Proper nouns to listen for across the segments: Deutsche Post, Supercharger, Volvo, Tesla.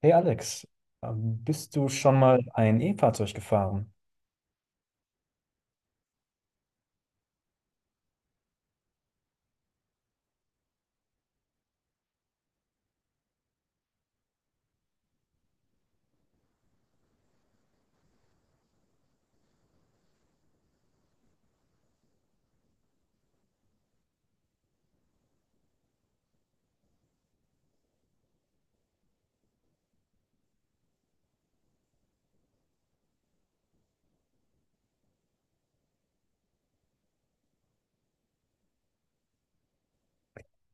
Hey Alex, bist du schon mal ein E-Fahrzeug gefahren?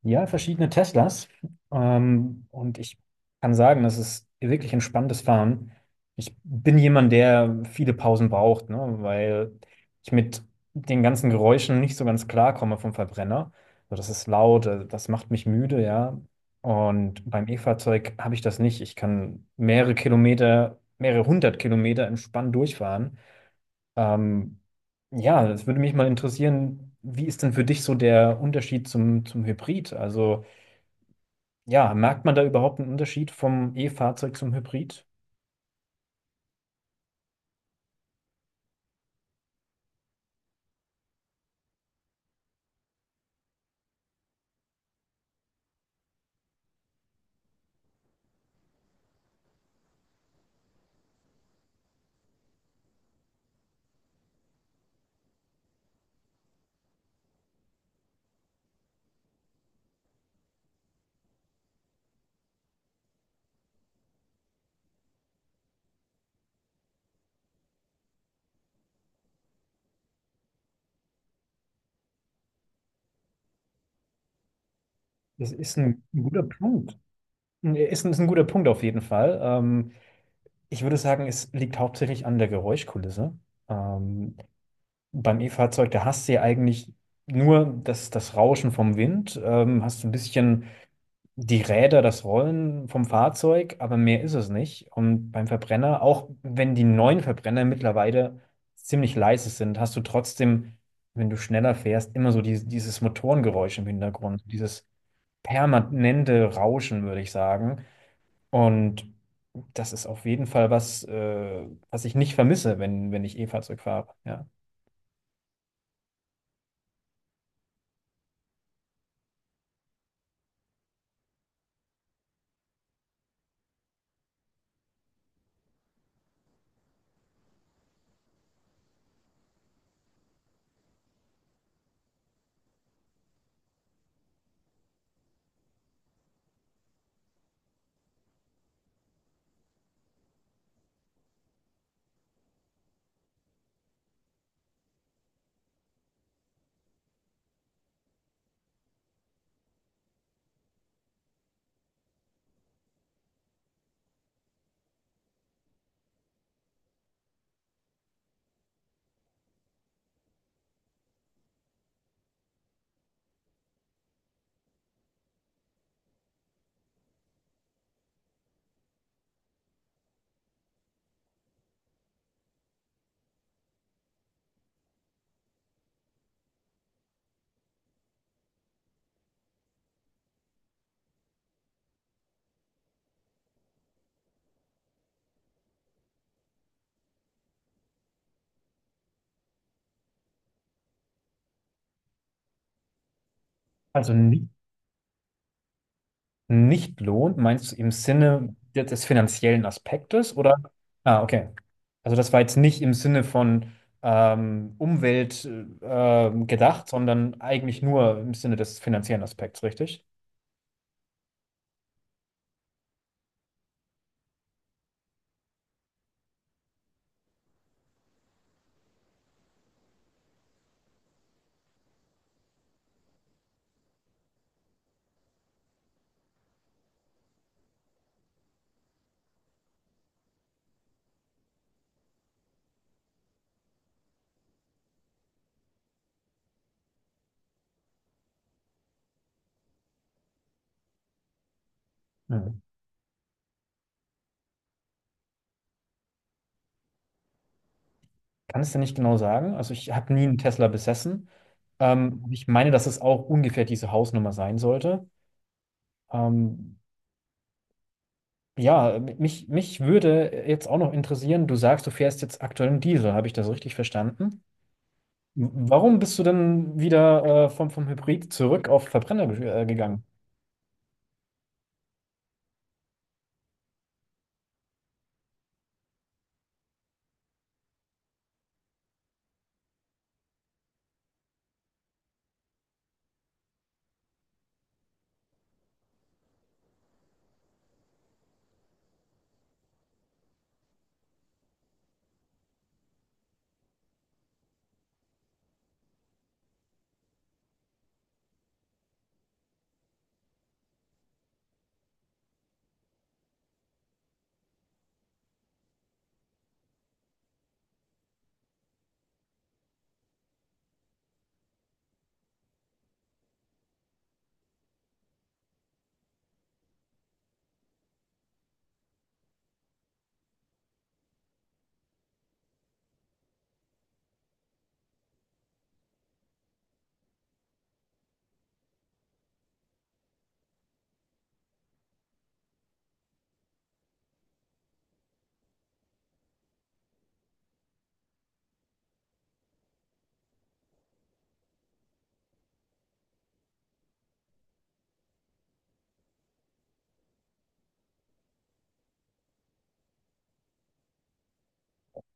Ja, verschiedene Teslas. Und ich kann sagen, das ist wirklich ein spannendes Fahren. Ich bin jemand, der viele Pausen braucht, ne, weil ich mit den ganzen Geräuschen nicht so ganz klarkomme vom Verbrenner. So, das ist laut, das macht mich müde, ja. Und beim E-Fahrzeug habe ich das nicht. Ich kann mehrere Kilometer, mehrere hundert Kilometer entspannt durchfahren. Ähm, ja, es würde mich mal interessieren, wie ist denn für dich so der Unterschied zum Hybrid? Also, ja, merkt man da überhaupt einen Unterschied vom E-Fahrzeug zum Hybrid? Das ist ein guter Punkt. Ist ein guter Punkt auf jeden Fall. Ich würde sagen, es liegt hauptsächlich an der Geräuschkulisse. Ähm, beim E-Fahrzeug, da hast du ja eigentlich nur das Rauschen vom Wind, hast du ein bisschen die Räder, das Rollen vom Fahrzeug, aber mehr ist es nicht. Und beim Verbrenner, auch wenn die neuen Verbrenner mittlerweile ziemlich leise sind, hast du trotzdem, wenn du schneller fährst, immer so dieses Motorengeräusch im Hintergrund, dieses permanente Rauschen, würde ich sagen. Und das ist auf jeden Fall was, was ich nicht vermisse, wenn ich E-Fahrzeug fahre. Ja. Also nicht lohnt, meinst du im Sinne des finanziellen Aspektes oder? Ah, okay. Also das war jetzt nicht im Sinne von Umwelt gedacht, sondern eigentlich nur im Sinne des finanziellen Aspekts, richtig? Mhm. Kann es denn nicht genau sagen? Also ich habe nie einen Tesla besessen. Ich meine, dass es auch ungefähr diese Hausnummer sein sollte. Ähm, ja, mich würde jetzt auch noch interessieren, du sagst, du fährst jetzt aktuell einen Diesel. Habe ich das richtig verstanden? Warum bist du denn wieder vom, Hybrid zurück auf Verbrenner gegangen?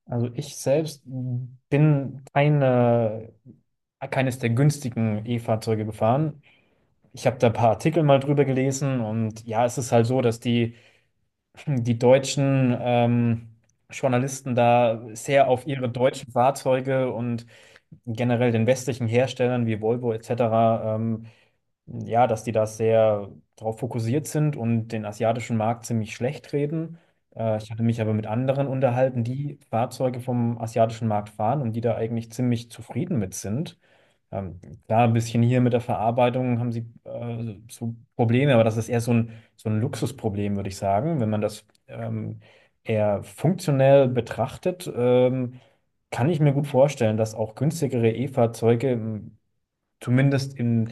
Also ich selbst bin keine, keines der günstigen E-Fahrzeuge gefahren. Ich habe da ein paar Artikel mal drüber gelesen und ja, es ist halt so, die deutschen Journalisten da sehr auf ihre deutschen Fahrzeuge und generell den westlichen Herstellern wie Volvo etc. Ähm, ja, dass die da sehr darauf fokussiert sind und den asiatischen Markt ziemlich schlecht reden. Ich hatte mich aber mit anderen unterhalten, die Fahrzeuge vom asiatischen Markt fahren und die da eigentlich ziemlich zufrieden mit sind. Ähm, klar, ein bisschen hier mit der Verarbeitung haben sie so Probleme, aber das ist eher so ein Luxusproblem, würde ich sagen. Wenn man das eher funktionell betrachtet, kann ich mir gut vorstellen, dass auch günstigere E-Fahrzeuge zumindest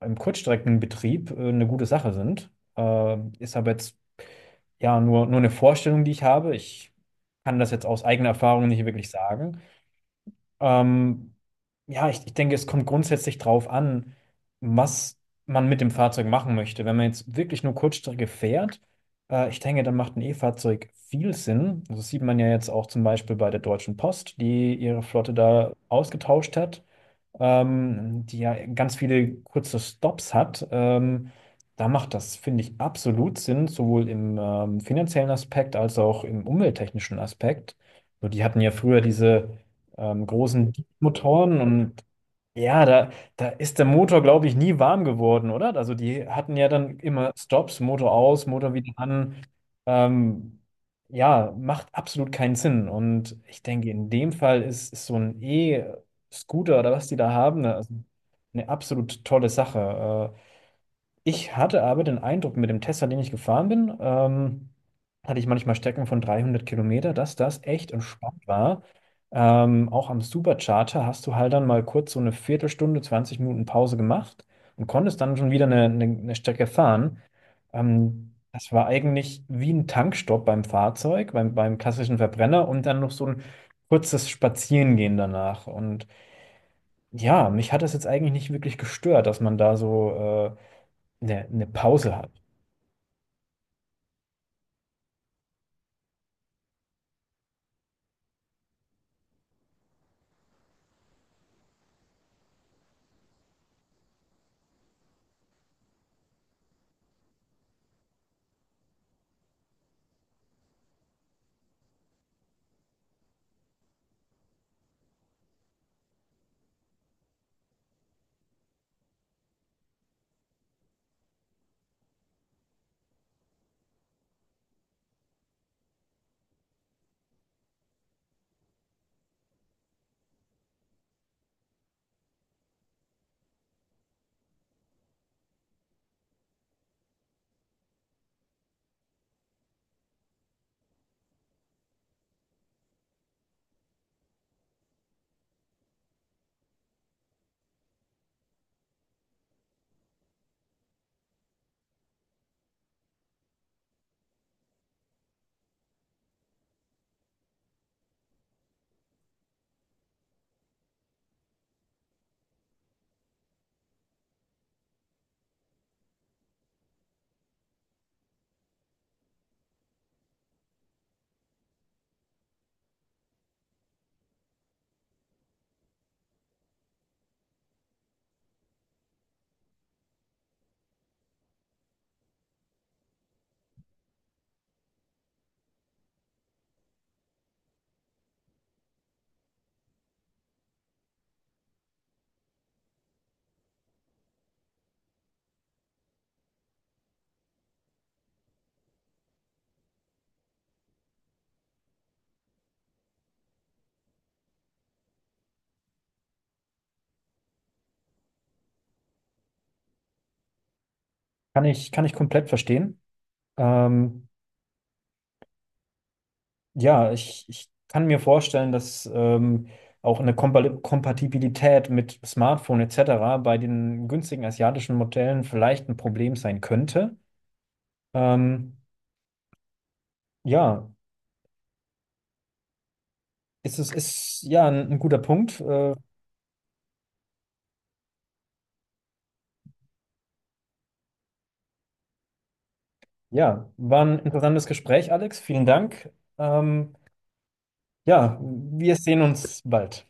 im Kurzstreckenbetrieb eine gute Sache sind. Ist aber jetzt ja nur eine Vorstellung, die ich habe. Ich kann das jetzt aus eigener Erfahrung nicht wirklich sagen. Ähm, ja, ich denke, es kommt grundsätzlich drauf an, was man mit dem Fahrzeug machen möchte. Wenn man jetzt wirklich nur Kurzstrecke fährt, ich denke, dann macht ein E-Fahrzeug viel Sinn. Also das sieht man ja jetzt auch zum Beispiel bei der Deutschen Post, die ihre Flotte da ausgetauscht hat, die ja ganz viele kurze Stops hat. Da macht das, finde ich, absolut Sinn, sowohl im finanziellen Aspekt als auch im umwelttechnischen Aspekt. So, die hatten ja früher diese großen Motoren und ja, da ist der Motor, glaube ich, nie warm geworden, oder? Also die hatten ja dann immer Stops, Motor aus, Motor wieder an. Ähm, ja, macht absolut keinen Sinn. Und ich denke, in dem Fall ist so ein E-Scooter oder was die da haben, ne, also eine absolut tolle Sache. Äh, ich hatte aber den Eindruck, mit dem Tesla, den ich gefahren bin, hatte ich manchmal Strecken von 300 Kilometer, dass das echt entspannt war. Auch am Supercharger hast du halt dann mal kurz so eine Viertelstunde, 20 Minuten Pause gemacht und konntest dann schon wieder eine Strecke fahren. Das war eigentlich wie ein Tankstopp beim Fahrzeug, beim klassischen Verbrenner und dann noch so ein kurzes Spazierengehen danach. Und ja, mich hat das jetzt eigentlich nicht wirklich gestört, dass man da so äh, eine Pause hat. Kann ich komplett verstehen. Ähm, ja, ich kann mir vorstellen, dass auch eine Kompatibilität mit Smartphone etc. bei den günstigen asiatischen Modellen vielleicht ein Problem sein könnte. Ähm, ja, ist ja ein guter Punkt. Ja, war ein interessantes Gespräch, Alex. Vielen Dank. Ähm, ja, wir sehen uns bald.